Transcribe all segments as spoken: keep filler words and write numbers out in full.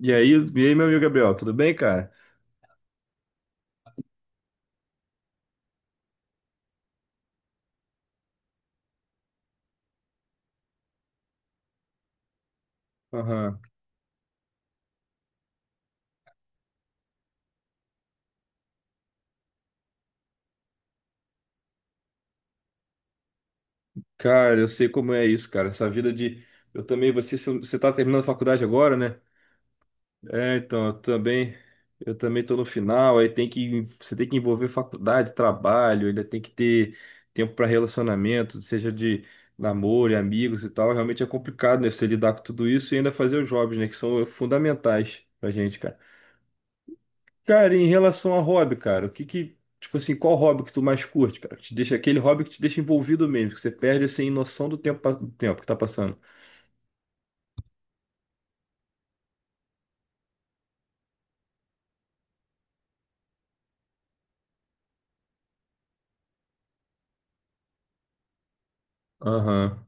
E aí, e aí, meu amigo Gabriel, tudo bem, cara? Aham. Cara, eu sei como é isso, cara. Essa vida de. Eu também, você, você tá terminando a faculdade agora, né? É, então, eu também. Eu também tô no final, aí tem que. Você tem que envolver faculdade, trabalho, ainda tem que ter tempo para relacionamento, seja de namoro, e amigos e tal. Realmente é complicado, né? Você lidar com tudo isso e ainda fazer os jobs, né? Que são fundamentais pra gente, cara. Cara, em relação a hobby, cara, o que que, tipo assim, qual hobby que tu mais curte, cara? Que te deixa aquele hobby que te deixa envolvido mesmo, que você perde assim noção do tempo, pa- do tempo que tá passando. Aham.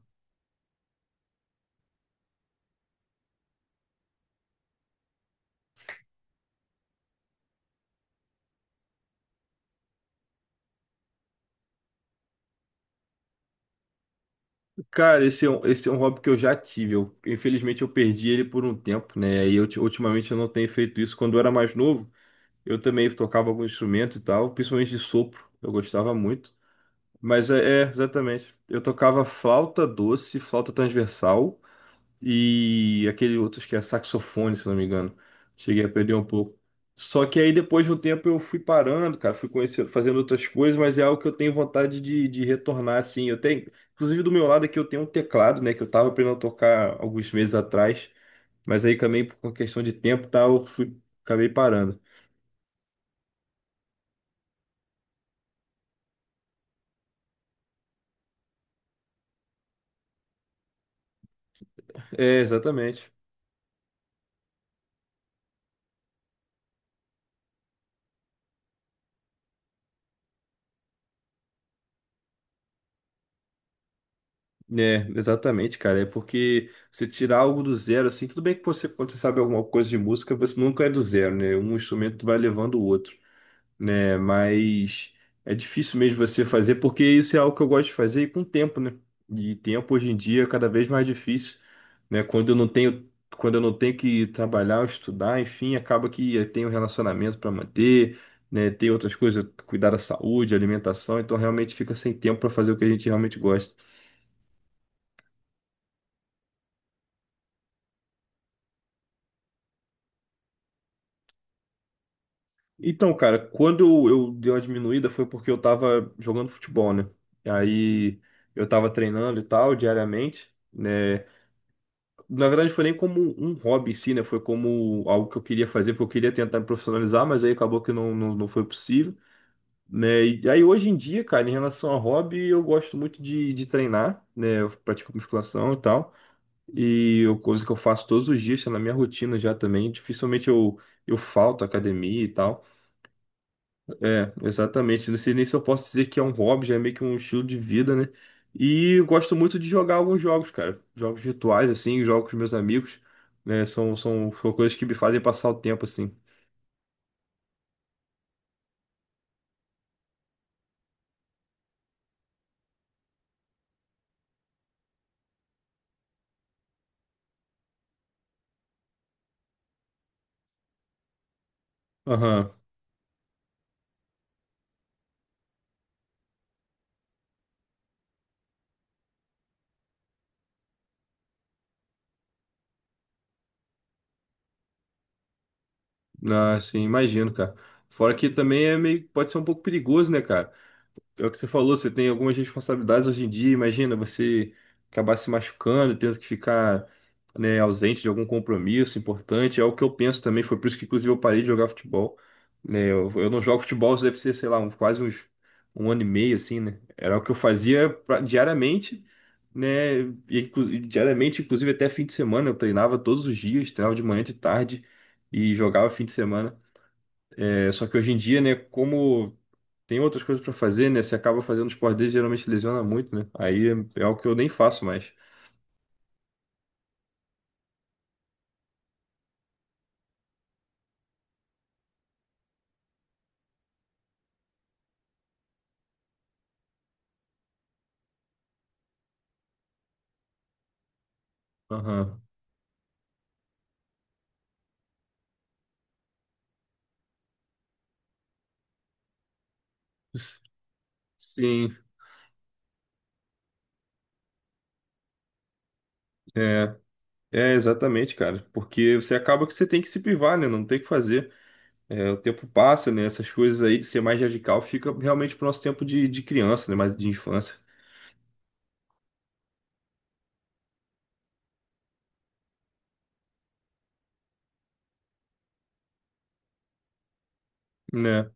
Cara, esse é um, esse é um hobby que eu já tive. Eu, infelizmente eu perdi ele por um tempo, né? E eu, ti- ultimamente eu não tenho feito isso. Quando eu era mais novo, eu também tocava alguns instrumentos e tal, principalmente de sopro. Eu gostava muito. Mas é, é, exatamente. Eu tocava flauta doce, flauta transversal, e aquele outro, acho que é saxofone, se não me engano. Cheguei a perder um pouco. Só que aí depois de um tempo eu fui parando, cara, fui conhecendo, fazendo outras coisas, mas é algo que eu tenho vontade de, de, retornar, assim. Eu tenho, inclusive do meu lado aqui eu tenho um teclado, né, que eu tava aprendendo a tocar alguns meses atrás, mas aí também por uma questão de tempo e tal, eu fui, acabei parando. É, exatamente. É, exatamente, cara. É porque você tirar algo do zero, assim, tudo bem que você, quando você sabe alguma coisa de música, você nunca é do zero, né? Um instrumento vai levando o outro, né? Mas é difícil mesmo você fazer, porque isso é algo que eu gosto de fazer e com tempo, né? E tempo hoje em dia é cada vez mais difícil, né? Quando eu não tenho, quando eu não tenho que trabalhar, estudar, enfim, acaba que eu tenho um relacionamento para manter, né? Tem outras coisas, cuidar da saúde, alimentação, então realmente fica sem tempo para fazer o que a gente realmente gosta. Então, cara, quando eu, eu dei uma diminuída foi porque eu tava jogando futebol, né? Aí eu tava treinando e tal diariamente, né? Na verdade, foi nem como um hobby em si, né? Foi como algo que eu queria fazer, porque eu queria tentar me profissionalizar, mas aí acabou que não, não, não foi possível, né? E aí, hoje em dia, cara, em relação a hobby, eu gosto muito de, de treinar, né? Eu pratico musculação e tal, e eu, coisa que eu faço todos os dias, tá na minha rotina já também. Dificilmente eu, eu falto à academia e tal. É, exatamente. Não sei nem se eu posso dizer que é um hobby, já é meio que um estilo de vida, né? E eu gosto muito de jogar alguns jogos, cara. Jogos virtuais, assim, jogo com os meus amigos, né? São, são, são coisas que me fazem passar o tempo, assim. Aham. Ah, sim, imagino, cara. Fora que também é meio, pode ser um pouco perigoso, né, cara? É o que você falou, você tem algumas responsabilidades hoje em dia. Imagina você acabar se machucando, tendo que ficar, né, ausente de algum compromisso importante. É o que eu penso também. Foi por isso que, inclusive, eu parei de jogar futebol. Né, eu, eu não jogo futebol, isso deve ser, sei lá, um- quase uns, um ano e meio, assim, né? Era o que eu fazia pra- diariamente, né? E, inclu- e diariamente, inclusive, até fim de semana. Eu treinava todos os dias, treinava de manhã, de tarde e jogava fim de semana. É, só que hoje em dia, né, como tem outras coisas pra fazer, né? Você acaba fazendo esporte dele, geralmente lesiona muito, né? Aí é é algo que eu nem faço mais. Aham. Sim, é, é exatamente, cara. Porque você acaba que você tem que se privar, né? Não tem o que fazer. É, o tempo passa, né? Essas coisas aí de ser mais radical fica realmente pro nosso tempo de, de, criança, né? Mais de infância, né?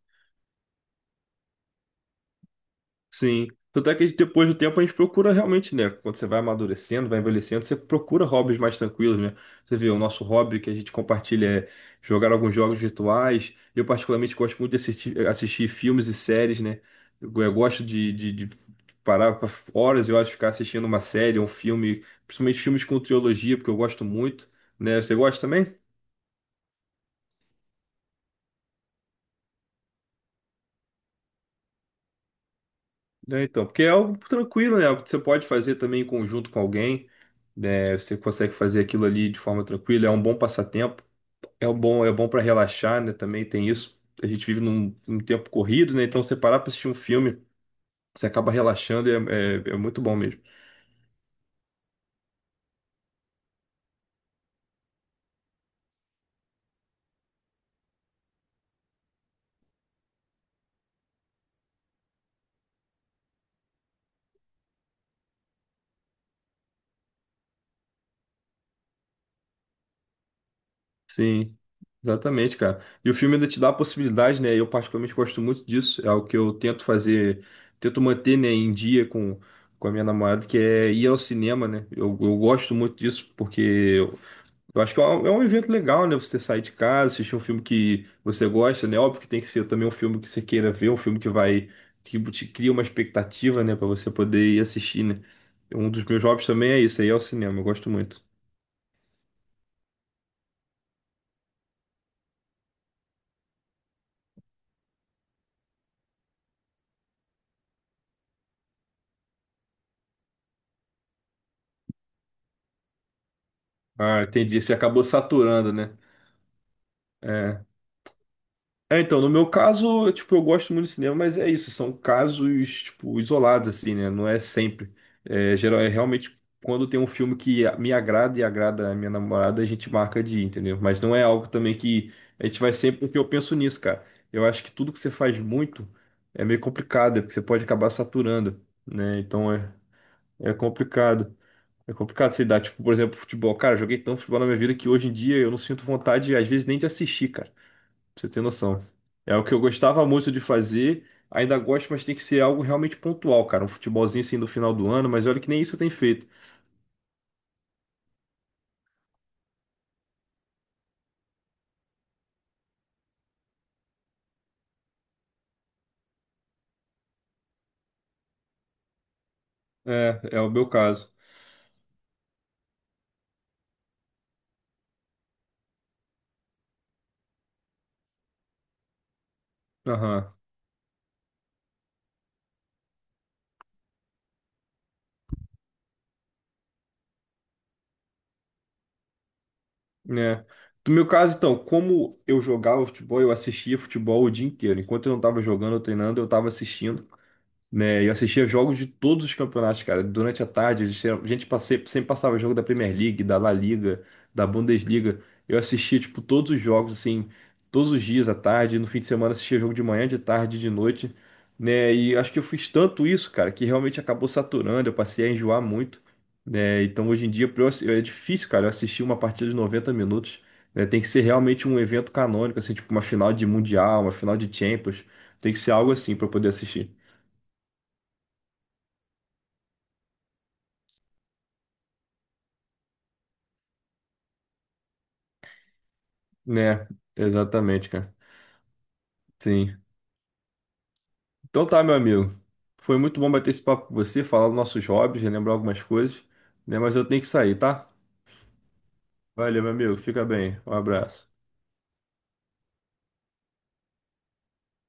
Sim. Tanto é que depois do tempo a gente procura realmente, né? Quando você vai amadurecendo, vai envelhecendo, você procura hobbies mais tranquilos, né? Você vê, o nosso hobby que a gente compartilha é jogar alguns jogos virtuais. Eu particularmente gosto muito de assistir, assistir filmes e séries, né? Eu, eu gosto de, de, de parar pra horas e horas ficar assistindo uma série, um filme, principalmente filmes com trilogia, porque eu gosto muito, né? Você gosta também? Né, então, porque é algo tranquilo, né? Algo que você pode fazer também em conjunto com alguém, né? Você consegue fazer aquilo ali de forma tranquila, é um bom passatempo, é um bom, é bom para relaxar, né? Também tem isso. A gente vive num, num tempo corrido, né? Então, você parar para assistir um filme, você acaba relaxando e é, é, é muito bom mesmo. Sim, exatamente, cara. E o filme ainda te dá a possibilidade, né? Eu particularmente gosto muito disso, é algo que eu tento fazer, tento manter, né, em dia com com a minha namorada, que é ir ao cinema, né? Eu, eu gosto muito disso, porque eu acho que é um é um evento legal, né? Você sair de casa, assistir um filme que você gosta, né? Óbvio que tem que ser também um filme que você queira ver, um filme que vai, que te cria uma expectativa, né? Pra você poder ir assistir, né? Um dos meus hobbies também é isso, aí é o cinema, eu gosto muito. Ah, entendi. Você acabou saturando, né? É. É, então, no meu caso, tipo, eu gosto muito de cinema, mas é isso, são casos, tipo, isolados, assim, né? Não é sempre. É, geral, é realmente quando tem um filme que me agrada e agrada a minha namorada, a gente marca de ir, entendeu? Mas não é algo também que a gente vai sempre, porque eu penso nisso, cara. Eu acho que tudo que você faz muito é meio complicado, é porque você pode acabar saturando, né? Então é, é complicado. É complicado você dar, tipo, por exemplo, futebol. Cara, eu joguei tanto futebol na minha vida que hoje em dia eu não sinto vontade, às vezes, nem de assistir, cara. Pra você ter noção. É o que eu gostava muito de fazer, ainda gosto, mas tem que ser algo realmente pontual, cara. Um futebolzinho assim do final do ano, mas olha que nem isso eu tenho feito. É, é o meu caso. Aham, né? No meu caso, então, como eu jogava futebol, eu assistia futebol o dia inteiro. Enquanto eu não estava jogando ou treinando, eu estava assistindo, né? Eu assistia jogos de todos os campeonatos, cara. Durante a tarde, a gente a gente passe- sempre passava jogo da Premier League, da La Liga, da Bundesliga. Eu assistia, tipo, todos os jogos, assim, todos os dias à tarde. No fim de semana, assistia jogo de manhã, de tarde, de noite, né? E acho que eu fiz tanto isso, cara, que realmente acabou saturando. Eu passei a enjoar muito, né? Então, hoje em dia, pra eu assi- é difícil, cara, eu assistir uma partida de noventa minutos, né? Tem que ser realmente um evento canônico, assim, tipo uma final de Mundial, uma final de Champions. Tem que ser algo assim pra eu poder assistir. Né, exatamente, cara. Sim. Então tá, meu amigo. Foi muito bom bater esse papo com você, falar dos nossos hobbies, relembrar algumas coisas, né? Mas eu tenho que sair, tá? Valeu, meu amigo. Fica bem. Um abraço.